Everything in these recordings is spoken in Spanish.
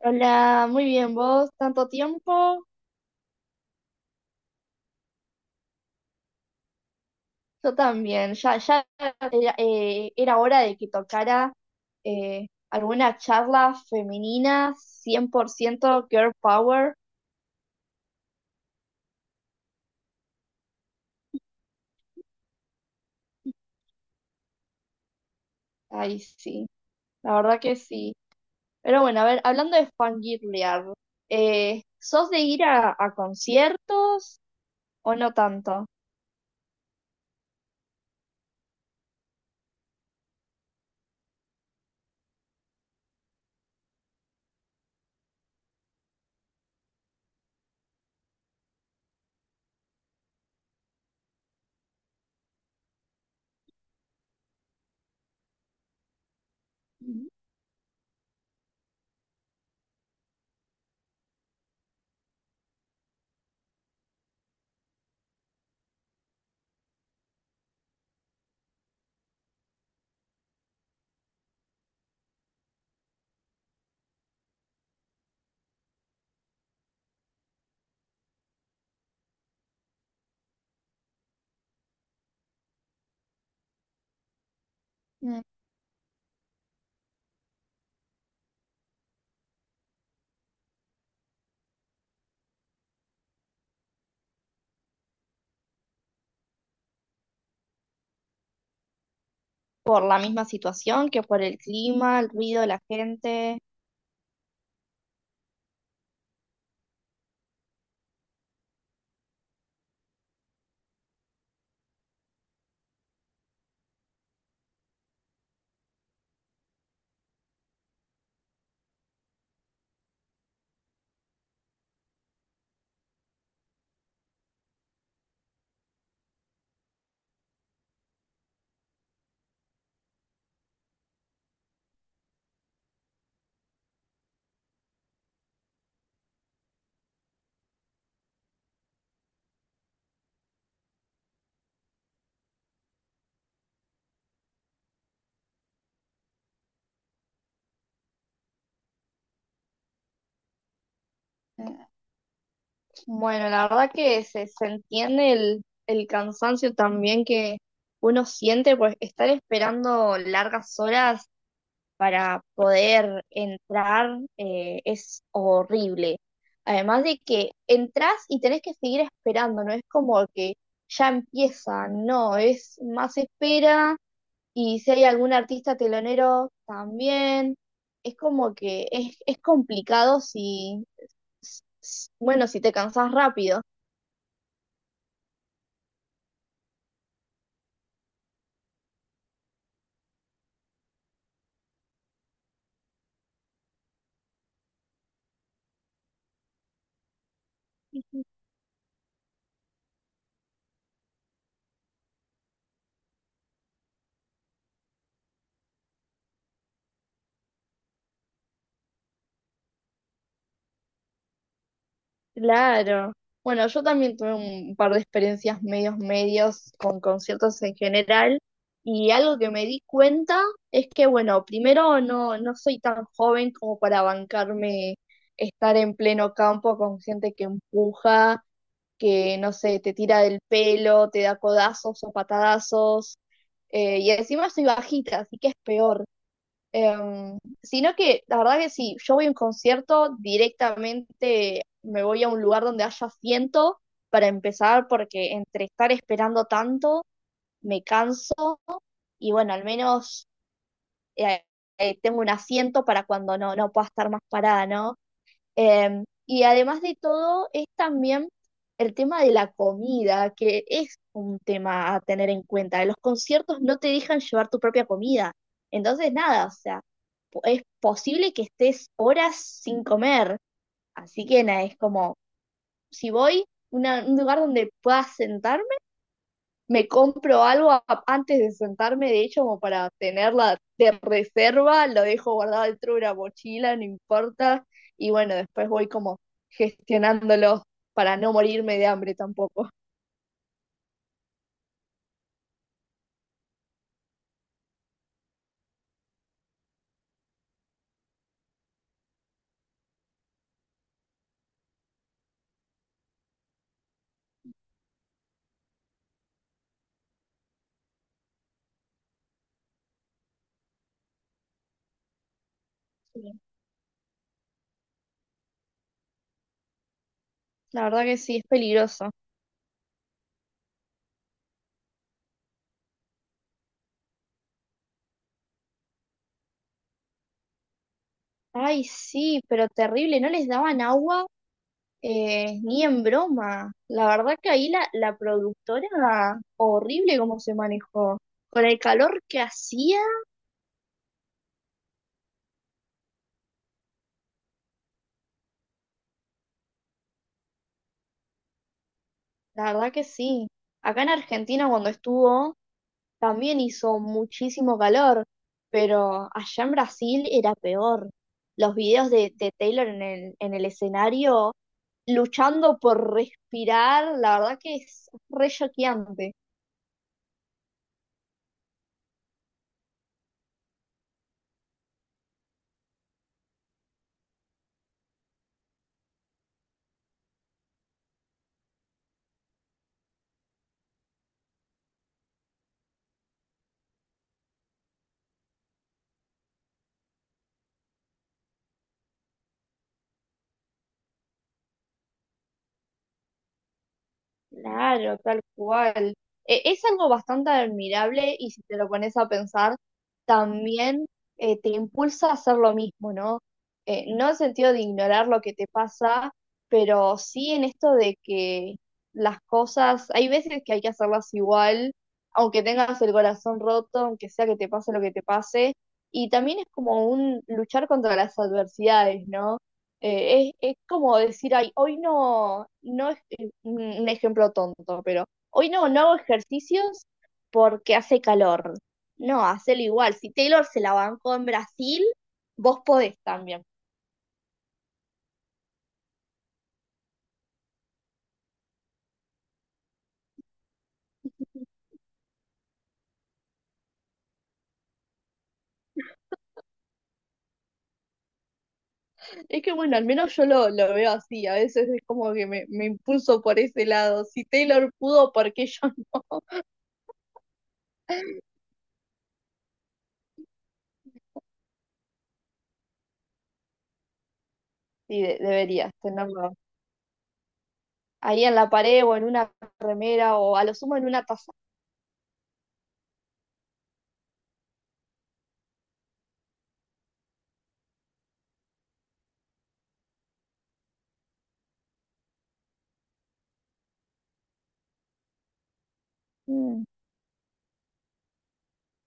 Hola, muy bien, vos, tanto tiempo, yo también, ya era, era hora de que tocara alguna charla femenina, 100% girl power. Ay sí, la verdad que sí. Pero bueno, a ver, hablando de fangirlear, ¿sos de ir a conciertos o no tanto? Mm. ¿Por la misma situación, que por el clima, el ruido, de la gente? Bueno, la verdad que se entiende el cansancio también que uno siente, pues estar esperando largas horas para poder entrar, es horrible. Además de que entras y tenés que seguir esperando, no es como que ya empieza, no, es más espera. Y si hay algún artista telonero también, es como que es complicado si, bueno, si te cansás rápido. Claro. Bueno, yo también tuve un par de experiencias medios medios con conciertos en general, y algo que me di cuenta es que, bueno, primero no, no soy tan joven como para bancarme estar en pleno campo con gente que empuja, que, no sé, te tira del pelo, te da codazos o patadazos, y encima soy bajita, así que es peor. Sino que la verdad que si yo voy a un concierto, directamente me voy a un lugar donde haya asiento para empezar, porque entre estar esperando tanto, me canso, y bueno, al menos eh, tengo un asiento para cuando no, no pueda estar más parada, ¿no? Y además de todo, es también el tema de la comida, que es un tema a tener en cuenta. En los conciertos no te dejan llevar tu propia comida. Entonces, nada, o sea, es posible que estés horas sin comer. Así que nada, es como, si voy a un lugar donde pueda sentarme, me compro algo antes de sentarme, de hecho, como para tenerla de reserva, lo dejo guardado dentro de una mochila, no importa, y bueno, después voy como gestionándolo para no morirme de hambre tampoco. Sí, la verdad que sí, es peligroso. Ay, sí, pero terrible, no les daban agua, ni en broma. La verdad que ahí la productora, horrible cómo se manejó. Con el calor que hacía, la verdad que sí. Acá en Argentina cuando estuvo... También hizo muchísimo calor, pero allá en Brasil era peor. Los videos de Taylor en el escenario luchando por respirar, la verdad que es re choqueante. Claro, tal cual. E- es algo bastante admirable, y si te lo pones a pensar, también, te impulsa a hacer lo mismo, ¿no? No en sentido de ignorar lo que te pasa, pero sí en esto de que las cosas, hay veces que hay que hacerlas igual, aunque tengas el corazón roto, aunque sea que te pase lo que te pase. Y también es como un luchar contra las adversidades, ¿no? Es como decir, ay, hoy no, no un ejemplo tonto, pero hoy no, no hago ejercicios porque hace calor. No, hacelo igual. Si Taylor se la bancó en Brasil, vos podés también. Es que bueno, al menos yo lo veo así. A veces es como que me impulso por ese lado. Si Taylor pudo, ¿por qué yo no? Sí, deberías tenerlo ahí en la pared o en una remera, o a lo sumo en una taza. Mm,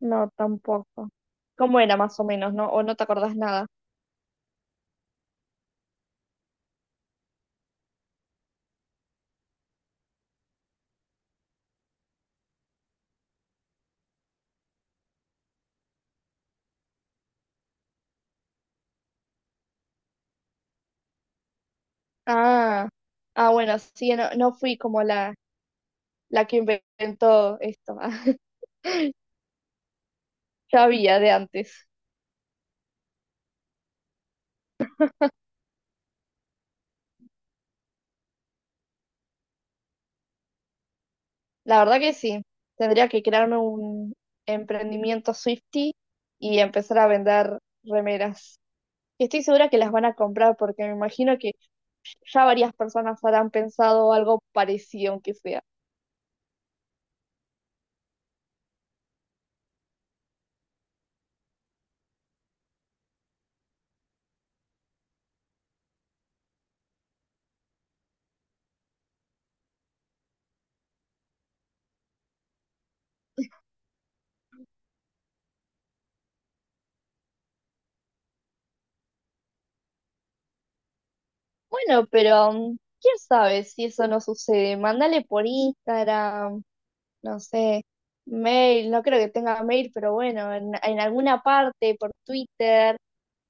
no, tampoco. ¿Cómo era más o menos, no? ¿O no te acordás nada? Ah, ah, bueno, sí, no, no fui como la que inventó esto. Ya había de antes. La verdad que sí. Tendría que crearme un emprendimiento Swifty y empezar a vender remeras. Y estoy segura que las van a comprar, porque me imagino que ya varias personas habrán pensado algo parecido, aunque sea. Bueno, pero mm, quién sabe si eso no sucede. Mándale por Instagram, no sé, mail, no creo que tenga mail, pero bueno, en alguna parte, por Twitter.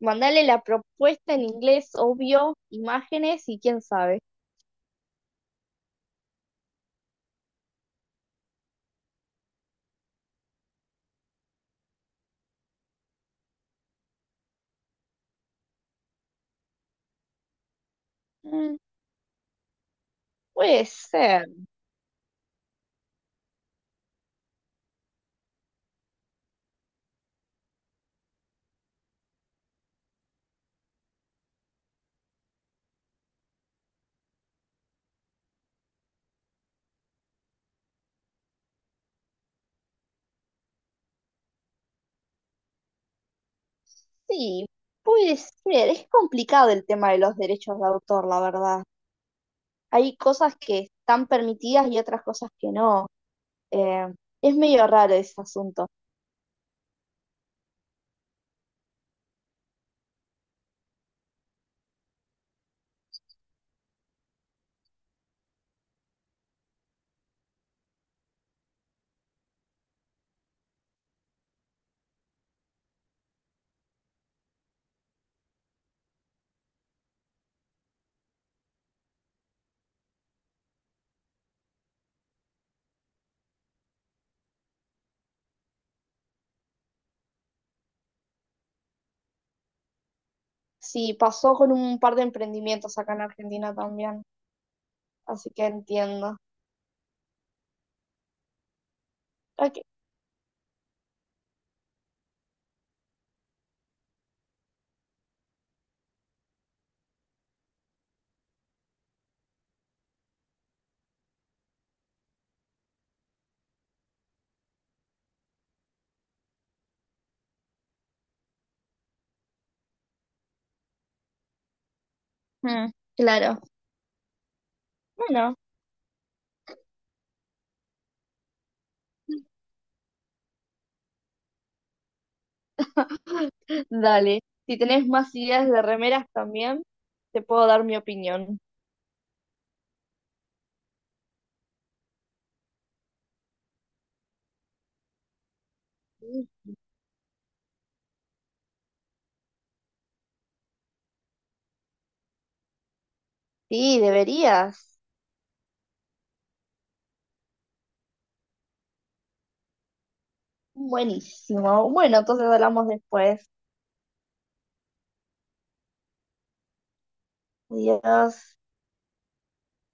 Mandale la propuesta en inglés, obvio, imágenes, y quién sabe. Mm. Puede ser, sí, puede ser. Es complicado el tema de los derechos de autor, la verdad. Hay cosas que están permitidas y otras cosas que no. Eh, es medio raro ese asunto. Sí, pasó con un par de emprendimientos acá en Argentina también, así que entiendo. Ok, mm, claro. Bueno. Dale, si tenés más ideas de remeras también, te puedo dar mi opinión. Sí, deberías. Buenísimo. Bueno, entonces hablamos después. Adiós.